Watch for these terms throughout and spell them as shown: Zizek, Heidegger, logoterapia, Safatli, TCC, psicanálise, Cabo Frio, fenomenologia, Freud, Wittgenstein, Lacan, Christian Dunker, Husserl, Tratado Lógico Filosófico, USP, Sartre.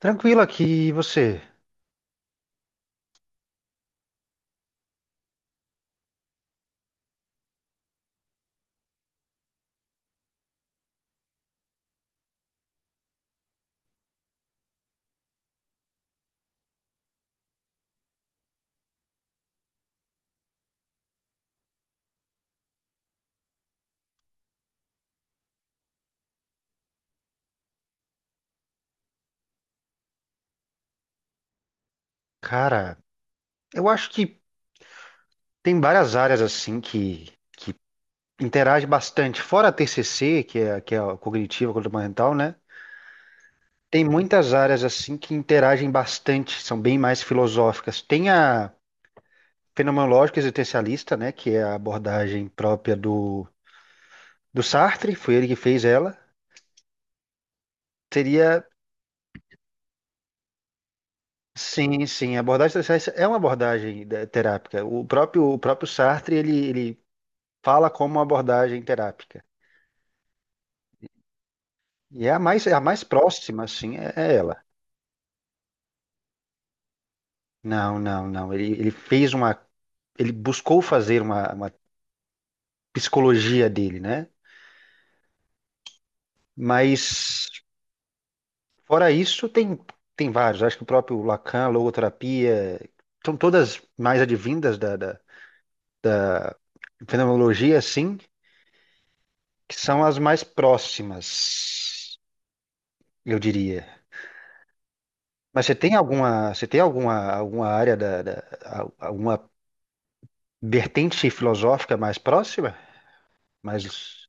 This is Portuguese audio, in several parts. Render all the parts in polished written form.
Tranquilo aqui, e você? Cara, eu acho que tem várias áreas assim que interagem bastante. Fora a TCC, que é a cognitiva comportamental, né? Tem muitas áreas assim que interagem bastante, são bem mais filosóficas. Tem a fenomenológica existencialista, né? Que é a abordagem própria do Sartre, foi ele que fez ela. Seria, sim, sim, a abordagem existencialista é uma abordagem terápica. O próprio Sartre, ele fala como uma abordagem terápica. E é a mais próxima, assim, é, é ela. Não, não, não. Ele fez uma. Ele buscou fazer uma psicologia dele, né? Mas, fora isso, tem, tem vários. Acho que o próprio Lacan, logoterapia, são todas mais advindas da fenomenologia, assim, que são as mais próximas, eu diria. Mas você tem alguma, alguma área da alguma vertente filosófica mais próxima? Mas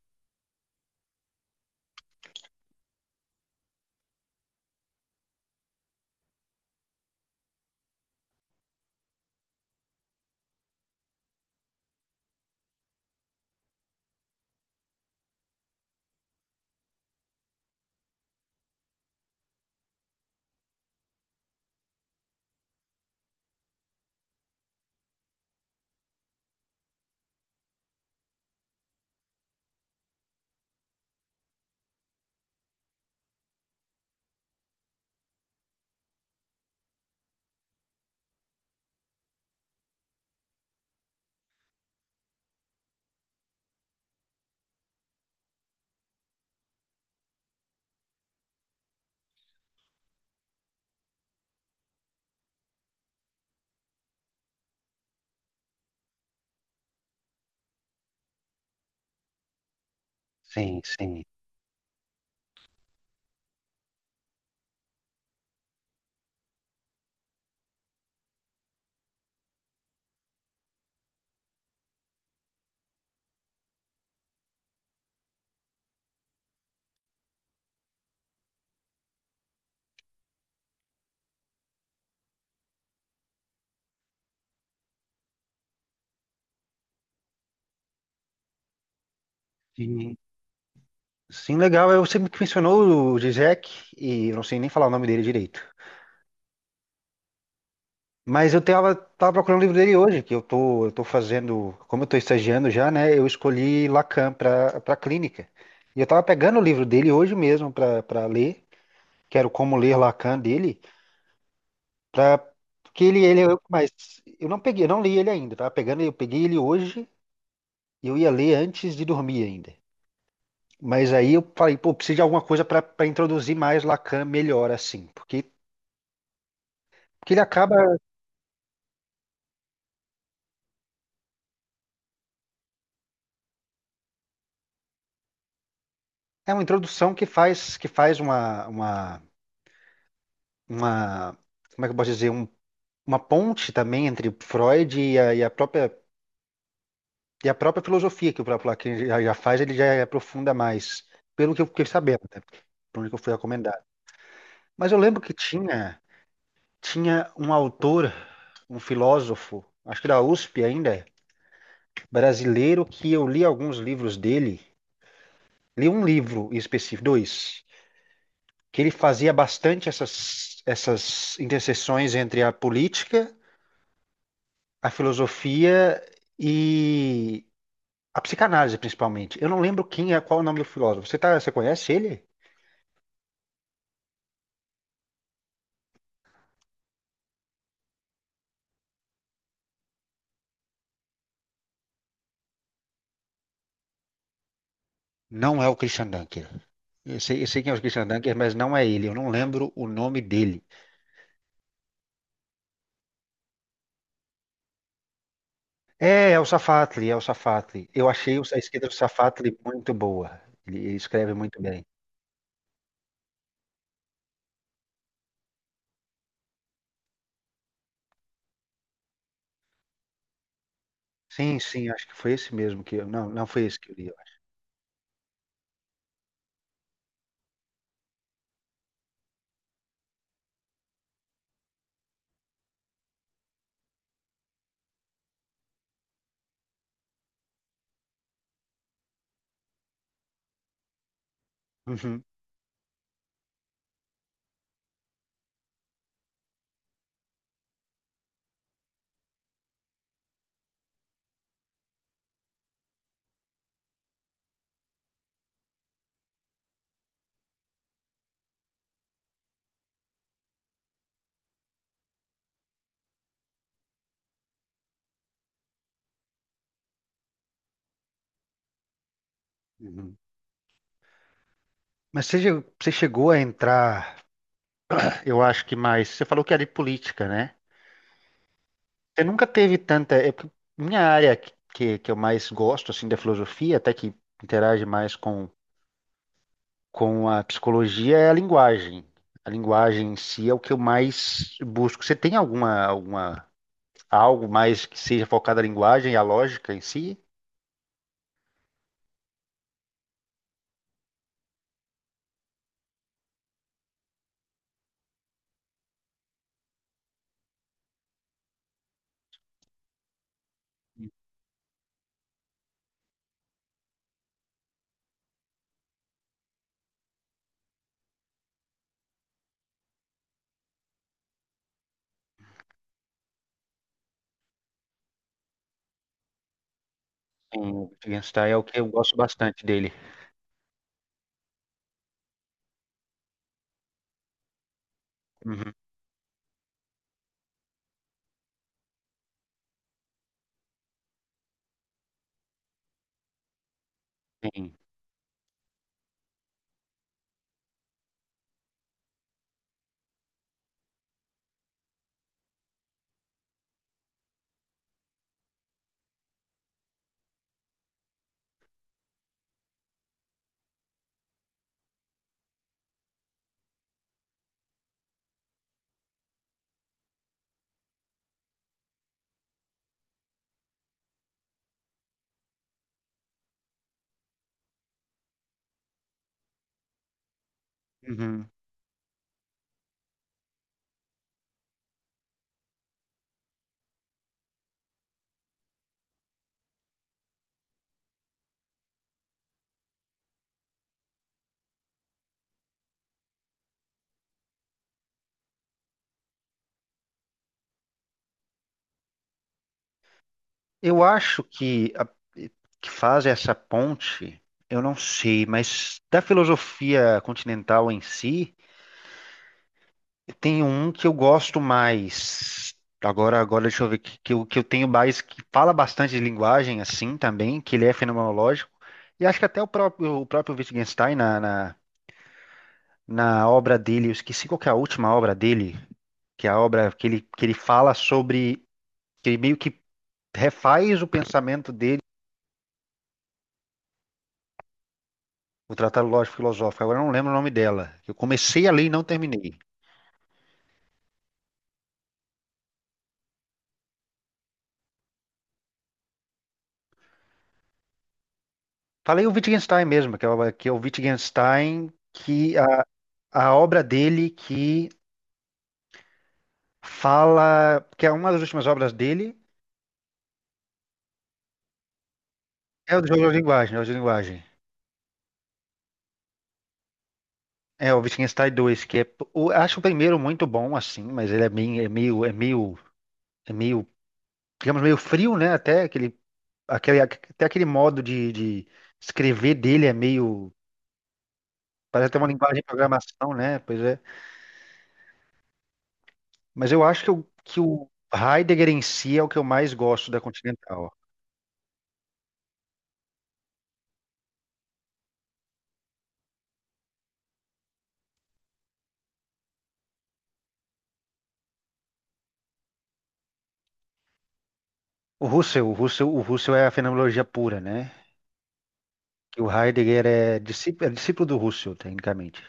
sim, sim. Sim, sim, legal. Eu sempre que mencionou o Zizek, e eu não sei nem falar o nome dele direito. Mas eu tava, tava procurando o livro dele hoje, que eu tô fazendo, como eu tô estagiando já, né? Eu escolhi Lacan para clínica. E eu tava pegando o livro dele hoje mesmo para ler, que era o Como Ler Lacan dele, para porque ele mas eu não peguei, eu não li ele ainda, tava pegando, eu peguei ele hoje e eu ia ler antes de dormir ainda. Mas aí eu falei, pô, preciso de alguma coisa para introduzir mais Lacan melhor assim, porque que ele acaba. É uma introdução que faz uma, uma. Como é que eu posso dizer? Um- uma ponte também entre Freud e e a própria filosofia que o próprio Lacan já, já faz, ele já é aprofunda mais, pelo que eu fiquei sabendo, né? Por onde que eu fui recomendado. Mas eu lembro que tinha, tinha um autor, um filósofo, acho que da USP ainda, brasileiro, que eu li alguns livros dele. Li um livro em específico, dois. Que ele fazia bastante essas interseções entre a política, a filosofia e a psicanálise, principalmente. Eu não lembro quem é, qual é o nome do filósofo. Você, tá, você conhece ele? Não é o Christian Dunker. Eu sei quem é o Christian Dunker, mas não é ele. Eu não lembro o nome dele. É, é o Safatli, é o Safatli. Eu achei o- a esquerda do Safatli muito boa. Ele escreve muito bem. Sim, sim, acho que foi esse mesmo que eu. Não, não foi esse que eu li, eu acho. Uhum, uhum. Mas você, já- você chegou a entrar, eu acho que mais. Você falou que era de política, né? Você nunca teve tanta. É porque minha área que eu mais gosto, assim, da filosofia, até que interage mais com a psicologia, é a linguagem. A linguagem em si é o que eu mais busco. Você tem alguma, alguma, algo mais que seja focado na linguagem e a lógica em si? Sim, o Wittgenstein é o que eu gosto bastante dele. Uhum, sim. Uhum. Eu acho que que faz essa ponte, eu não sei, mas da filosofia continental em si, tem um que eu gosto mais. Agora deixa eu ver que eu tenho mais que fala bastante de linguagem assim também, que ele é fenomenológico. E acho que até o próprio Wittgenstein na na obra dele, eu esqueci qual que é a última obra dele, que é a obra que ele fala sobre que ele meio que refaz o pensamento. O Tratado Lógico Filosófico, agora eu não lembro o nome dela. Eu comecei a ler e não terminei. Falei o Wittgenstein mesmo, que é o Wittgenstein, que a obra dele que fala, que é uma das últimas obras dele, é o do jogo de linguagem, é o de linguagem. É o Wittgenstein 2, que é, o- acho o primeiro muito bom assim, mas ele é meio, é meio, é meio, é meio, digamos meio frio, né? Até aquele, aquele, até aquele modo de escrever dele é meio, parece até uma linguagem de programação, né? Pois é. Mas eu acho que o Heidegger em si é o que eu mais gosto da Continental. O Husserl, o Husserl, o Husserl é a fenomenologia pura, né? Que o Heidegger é discípulo do Husserl, tecnicamente.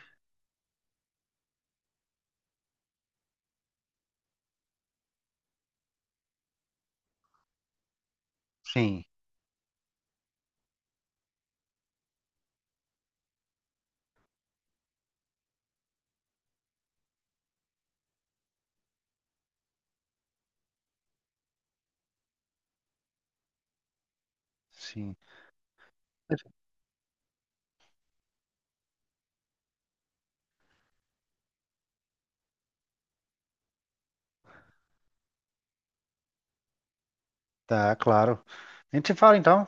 Sim, sim. Tá, claro. A gente se fala então.